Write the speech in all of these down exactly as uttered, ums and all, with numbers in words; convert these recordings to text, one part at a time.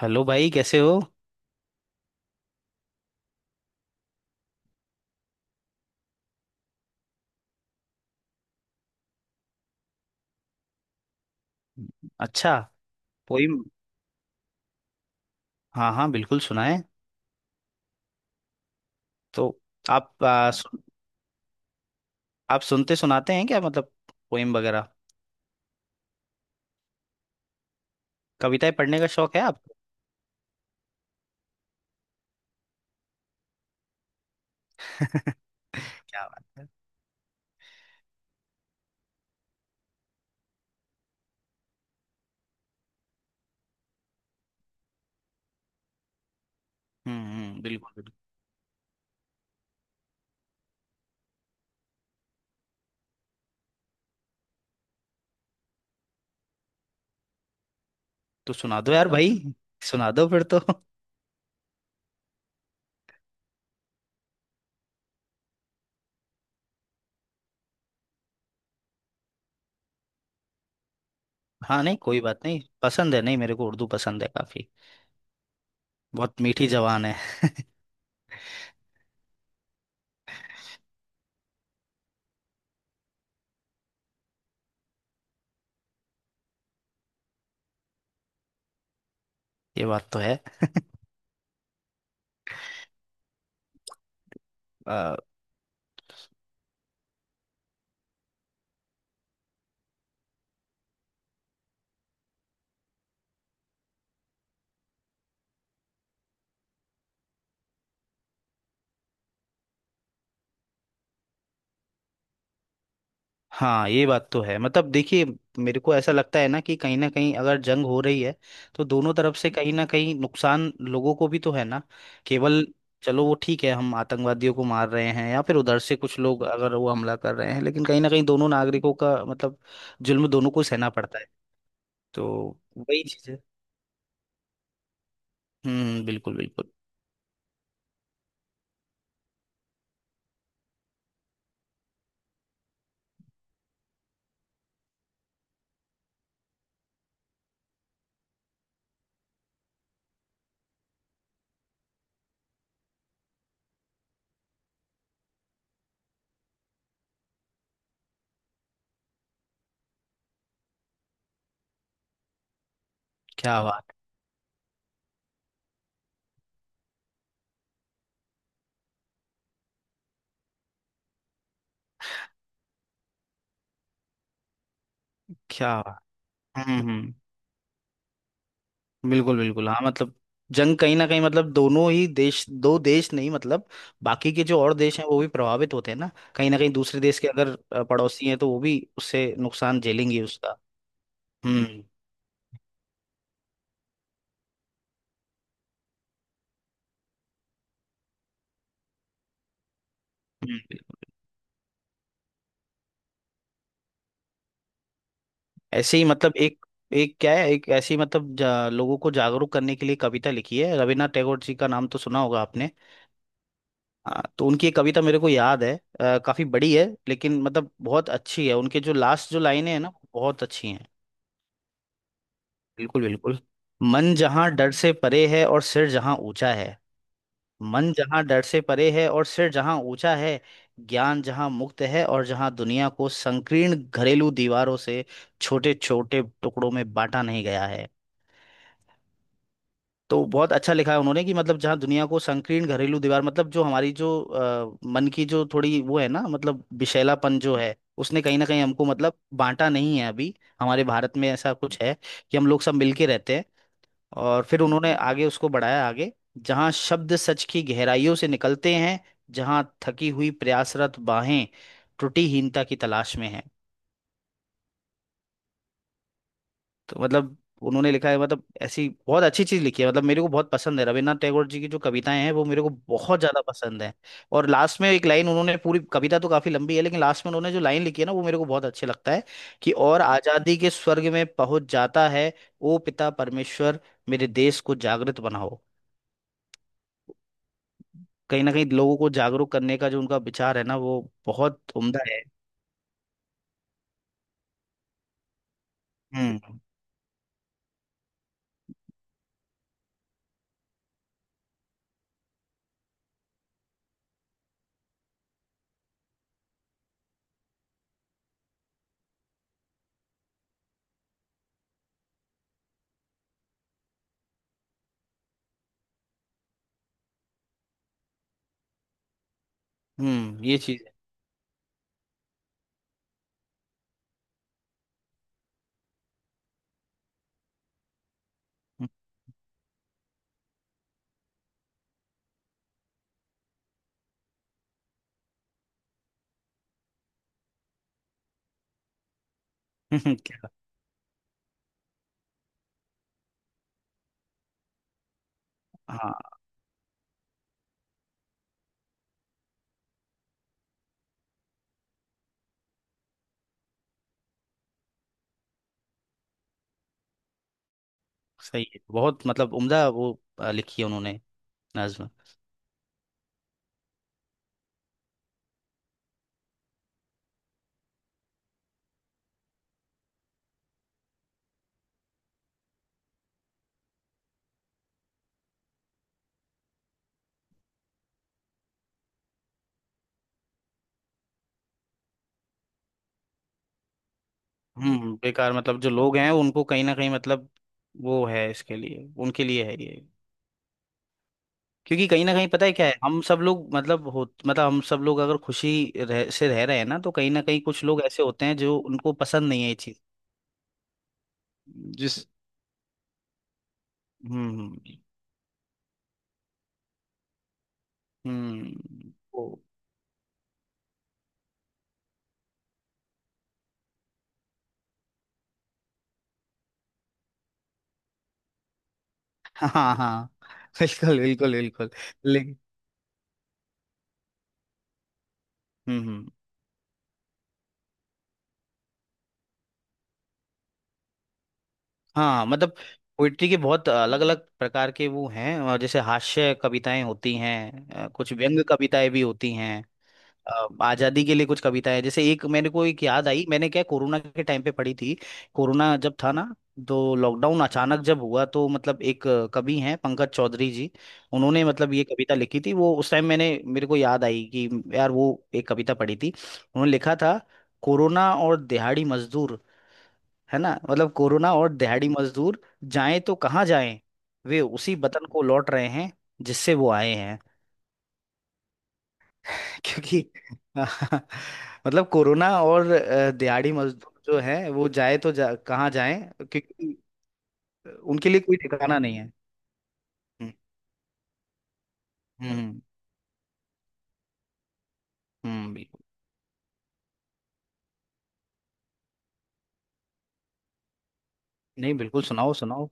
Hello भाई, कैसे हो? अच्छा। पोइम? हाँ हाँ, बिल्कुल सुनाए। तो आप आ, सुन, आप सुनते सुनाते हैं, क्या मतलब पोइम वगैरह? कविताएं पढ़ने का शौक है आपको? क्या बात है। हम्म हम्म, बिल्कुल बिल्कुल। तो सुना दो यार भाई, सुना दो फिर तो। हाँ नहीं कोई बात नहीं, पसंद है। नहीं, मेरे को उर्दू पसंद है काफी। बहुत मीठी जबान है। ये बात तो है। हाँ ये बात तो है। मतलब देखिए, मेरे को ऐसा लगता है ना कि कहीं ना कहीं अगर जंग हो रही है तो दोनों तरफ से कहीं ना कहीं नुकसान लोगों को भी तो है ना। केवल चलो वो ठीक है, हम आतंकवादियों को मार रहे हैं या फिर उधर से कुछ लोग अगर वो हमला कर रहे हैं, लेकिन कहीं ना कहीं दोनों नागरिकों का मतलब जुल्म दोनों को सहना पड़ता है। तो वही चीज है। हम्म बिल्कुल बिल्कुल। क्या बात। क्या बात। हम्म हम्म। बिल्कुल बिल्कुल, हाँ मतलब जंग कहीं ना कहीं मतलब दोनों ही देश, दो देश नहीं मतलब बाकी के जो और देश हैं वो भी प्रभावित होते हैं ना। कहीं ना कहीं दूसरे देश के अगर अ, पड़ोसी हैं तो वो भी उससे नुकसान झेलेंगे उसका। हम्म। हम्म। ऐसे ही मतलब एक, एक क्या है, एक ऐसी मतलब जा, लोगों को जागरूक करने के लिए कविता लिखी है। रविन्द्रनाथ टैगोर जी का नाम तो सुना होगा आपने? हाँ, तो उनकी एक कविता मेरे को याद है। अ, काफी बड़ी है लेकिन मतलब बहुत अच्छी है। उनके जो लास्ट जो लाइनें हैं ना बहुत अच्छी हैं। बिल्कुल बिल्कुल। मन जहाँ डर से परे है और सिर जहाँ ऊंचा है। मन जहाँ डर से परे है और सिर जहाँ ऊंचा है। ज्ञान जहाँ मुक्त है और जहाँ दुनिया को संकीर्ण घरेलू दीवारों से छोटे छोटे टुकड़ों में बांटा नहीं गया है। तो बहुत अच्छा लिखा है उन्होंने कि मतलब जहाँ दुनिया को संकीर्ण घरेलू दीवार, मतलब जो हमारी जो अ, मन की जो थोड़ी वो है ना, मतलब विषैलापन जो है उसने कहीं ना कहीं हमको मतलब बांटा नहीं है अभी। हमारे भारत में ऐसा कुछ है कि हम लोग सब मिलके रहते हैं। और फिर उन्होंने आगे उसको बढ़ाया आगे। जहाँ शब्द सच की गहराइयों से निकलते हैं, जहाँ थकी हुई प्रयासरत बाहें त्रुटिहीनता की तलाश में हैं। तो मतलब उन्होंने लिखा है, मतलब ऐसी बहुत अच्छी चीज लिखी है। मतलब मेरे को बहुत पसंद है रविन्द्रनाथ टैगोर जी की जो कविताएं हैं वो मेरे को बहुत ज्यादा पसंद है। और लास्ट में एक लाइन, उन्होंने पूरी कविता तो काफी लंबी है लेकिन लास्ट में उन्होंने जो लाइन लिखी है ना वो मेरे को बहुत अच्छी लगता है, कि और आजादी के स्वर्ग में पहुंच जाता है, ओ पिता परमेश्वर, मेरे देश को जागृत बनाओ। कहीं ना कहीं लोगों को जागरूक करने का जो उनका विचार है ना वो बहुत उम्दा है। हम्म हम्म, ये चीज है। क्या- हाँ सही है, बहुत मतलब उम्दा वो अ, लिखी है उन्होंने। नज्म। हम्म बेकार मतलब जो लोग हैं उनको कहीं ना कहीं मतलब वो है, इसके लिए उनके लिए है ये। क्योंकि कहीं ना कहीं पता है क्या है, हम सब लोग मतलब हो मतलब हम सब लोग अगर खुशी रह, से रह रहे हैं ना, तो कहीं ना कहीं कुछ लोग ऐसे होते हैं जो उनको पसंद नहीं है ये चीज। हम्म। हम्म। हाँ हाँ, बिल्कुल बिल्कुल बिल्कुल। लेकिन हम्म हम्म, हाँ मतलब पोइट्री के बहुत अलग अलग प्रकार के वो हैं, और जैसे हास्य कविताएं होती हैं, अ, कुछ व्यंग कविताएं भी होती हैं। अ, आजादी के लिए कुछ कविता है, जैसे एक मेरे को एक याद आई, मैंने क्या कोरोना के टाइम पे पढ़ी थी। कोरोना जब था ना, तो लॉकडाउन अचानक जब हुआ तो मतलब एक अ, कवि हैं पंकज चौधरी जी। उन्होंने मतलब ये कविता लिखी थी, वो उस टाइम मैंने मेरे को याद आई कि यार वो, एक कविता पढ़ी थी, उन्होंने लिखा था कोरोना और दिहाड़ी मजदूर। है ना, मतलब कोरोना और दिहाड़ी मजदूर जाएं तो कहाँ जाएं। वे उसी वतन को लौट रहे हैं जिससे वो आए हैं। क्योंकि मतलब कोरोना और अ, दिहाड़ी मजदूर जो है, वो जाए तो जा, कहाँ जाए। क्योंकि उनके लिए कोई ठिकाना नहीं है। हम्म। हम्म हम्म, बिल्कुल। नहीं बिल्कुल, सुनाओ सुनाओ।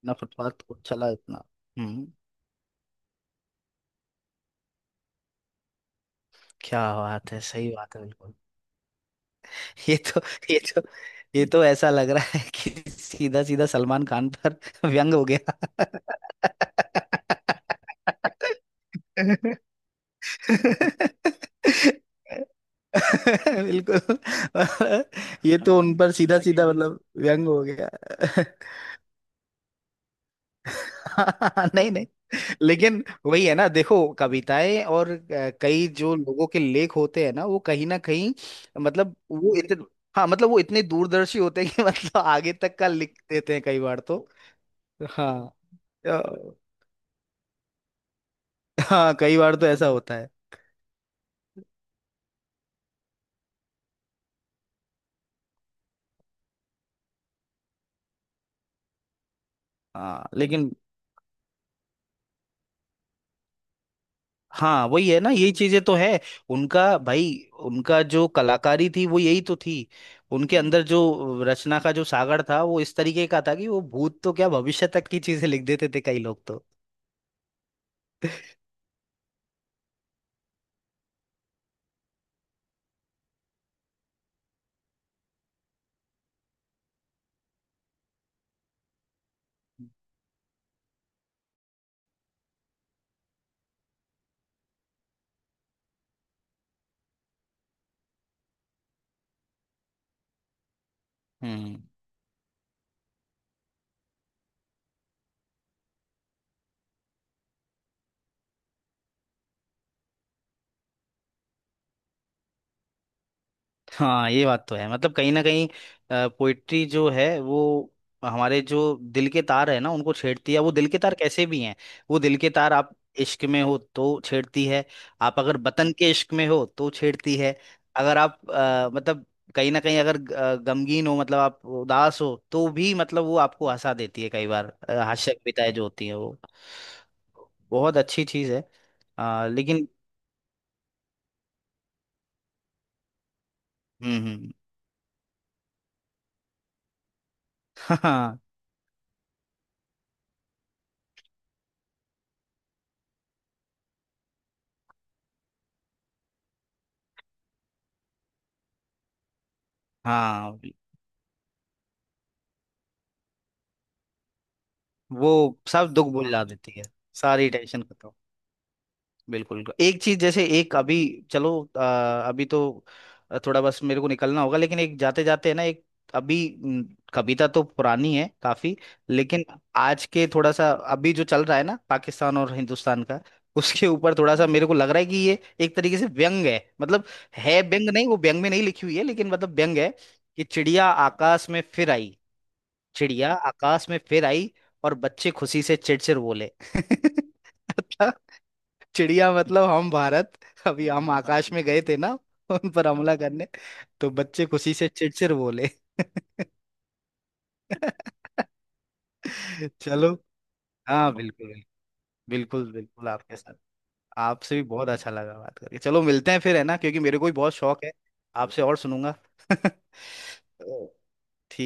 इतना फुटपाथ को चला इतना। हम्म। क्या बात है, सही बात है, बिल्कुल। ये तो, ये तो, ये तो ऐसा लग रहा है कि सीधा सीधा सलमान खान पर व्यंग हो गया। बिल्कुल। ये तो उन पर सीधा सीधा मतलब व्यंग हो गया। नहीं नहीं। लेकिन वही है ना, देखो कविताएं और अ, कई जो लोगों के लेख होते हैं ना वो कहीं ना कहीं, मतलब वो इतने, हाँ मतलब वो इतने दूरदर्शी होते हैं कि मतलब आगे तक का लिख देते हैं कई बार तो। हाँ अ, हाँ कई बार तो ऐसा होता है। हाँ लेकिन, हाँ वही है ना, यही चीजें तो है उनका भाई, उनका जो कलाकारी थी वो यही तो थी। उनके हम्म अंदर जो रचना का जो सागर था, वो इस तरीके का था कि वो भूत तो क्या भविष्य तक की चीजें लिख देते थे कई लोग तो। हम्म। हाँ ये बात तो है, मतलब कहीं ना कहीं पोइट्री जो है वो हमारे जो दिल के तार है ना उनको छेड़ती है। वो दिल के तार कैसे भी हैं, वो दिल के तार आप इश्क में हो तो छेड़ती है। आप अगर वतन के इश्क में हो तो छेड़ती है। अगर आप अ, मतलब कहीं ना कहीं अगर ग- अ, गमगीन हो, मतलब आप उदास हो तो भी, मतलब वो आपको हंसा देती है कई बार, अ, हास्य कविताएं जो होती हैं वो, बहुत अच्छी चीज है। अ, लेकिन हम्म हम्म। हाँ हाँ, वो सब दुख भुला देती है, सारी टेंशन खत्म। बिल्कुल एक चीज, जैसे एक अभी, चलो, अ, अभी तो थोड़ा बस मेरे को निकलना होगा, लेकिन एक जाते जाते है ना, एक अभी म, कविता तो तो पुरानी है काफी, लेकिन आज के थोड़ा सा अभी जो चल रहा है ना पाकिस्तान और हिंदुस्तान का, उसके ऊपर थोड़ा सा मेरे को लग रहा है कि ये एक तरीके से व्यंग है, मतलब है व्यंग नहीं, वो व्यंग में नहीं लिखी हुई है लेकिन मतलब व्यंग है, कि चिड़िया आकाश में फिर आई। चिड़िया आकाश में फिर आई और बच्चे खुशी से चिड़चिड़ बोले। मतलब चिड़िया मतलब हम भारत, अभी हम आकाश में गए थे ना उन पर हमला करने। तो बच्चे खुशी से चिड़चिड़ बोले। चलो। हाँ बिल्कुल बिल्कुल, बिल्कुल आपके साथ। आपसे भी बहुत अच्छा लगा बात करके, चलो मिलते हैं फिर है ना, क्योंकि मेरे को भी बहुत शौक है आपसे, और सुनूंगा। तो, ठीक।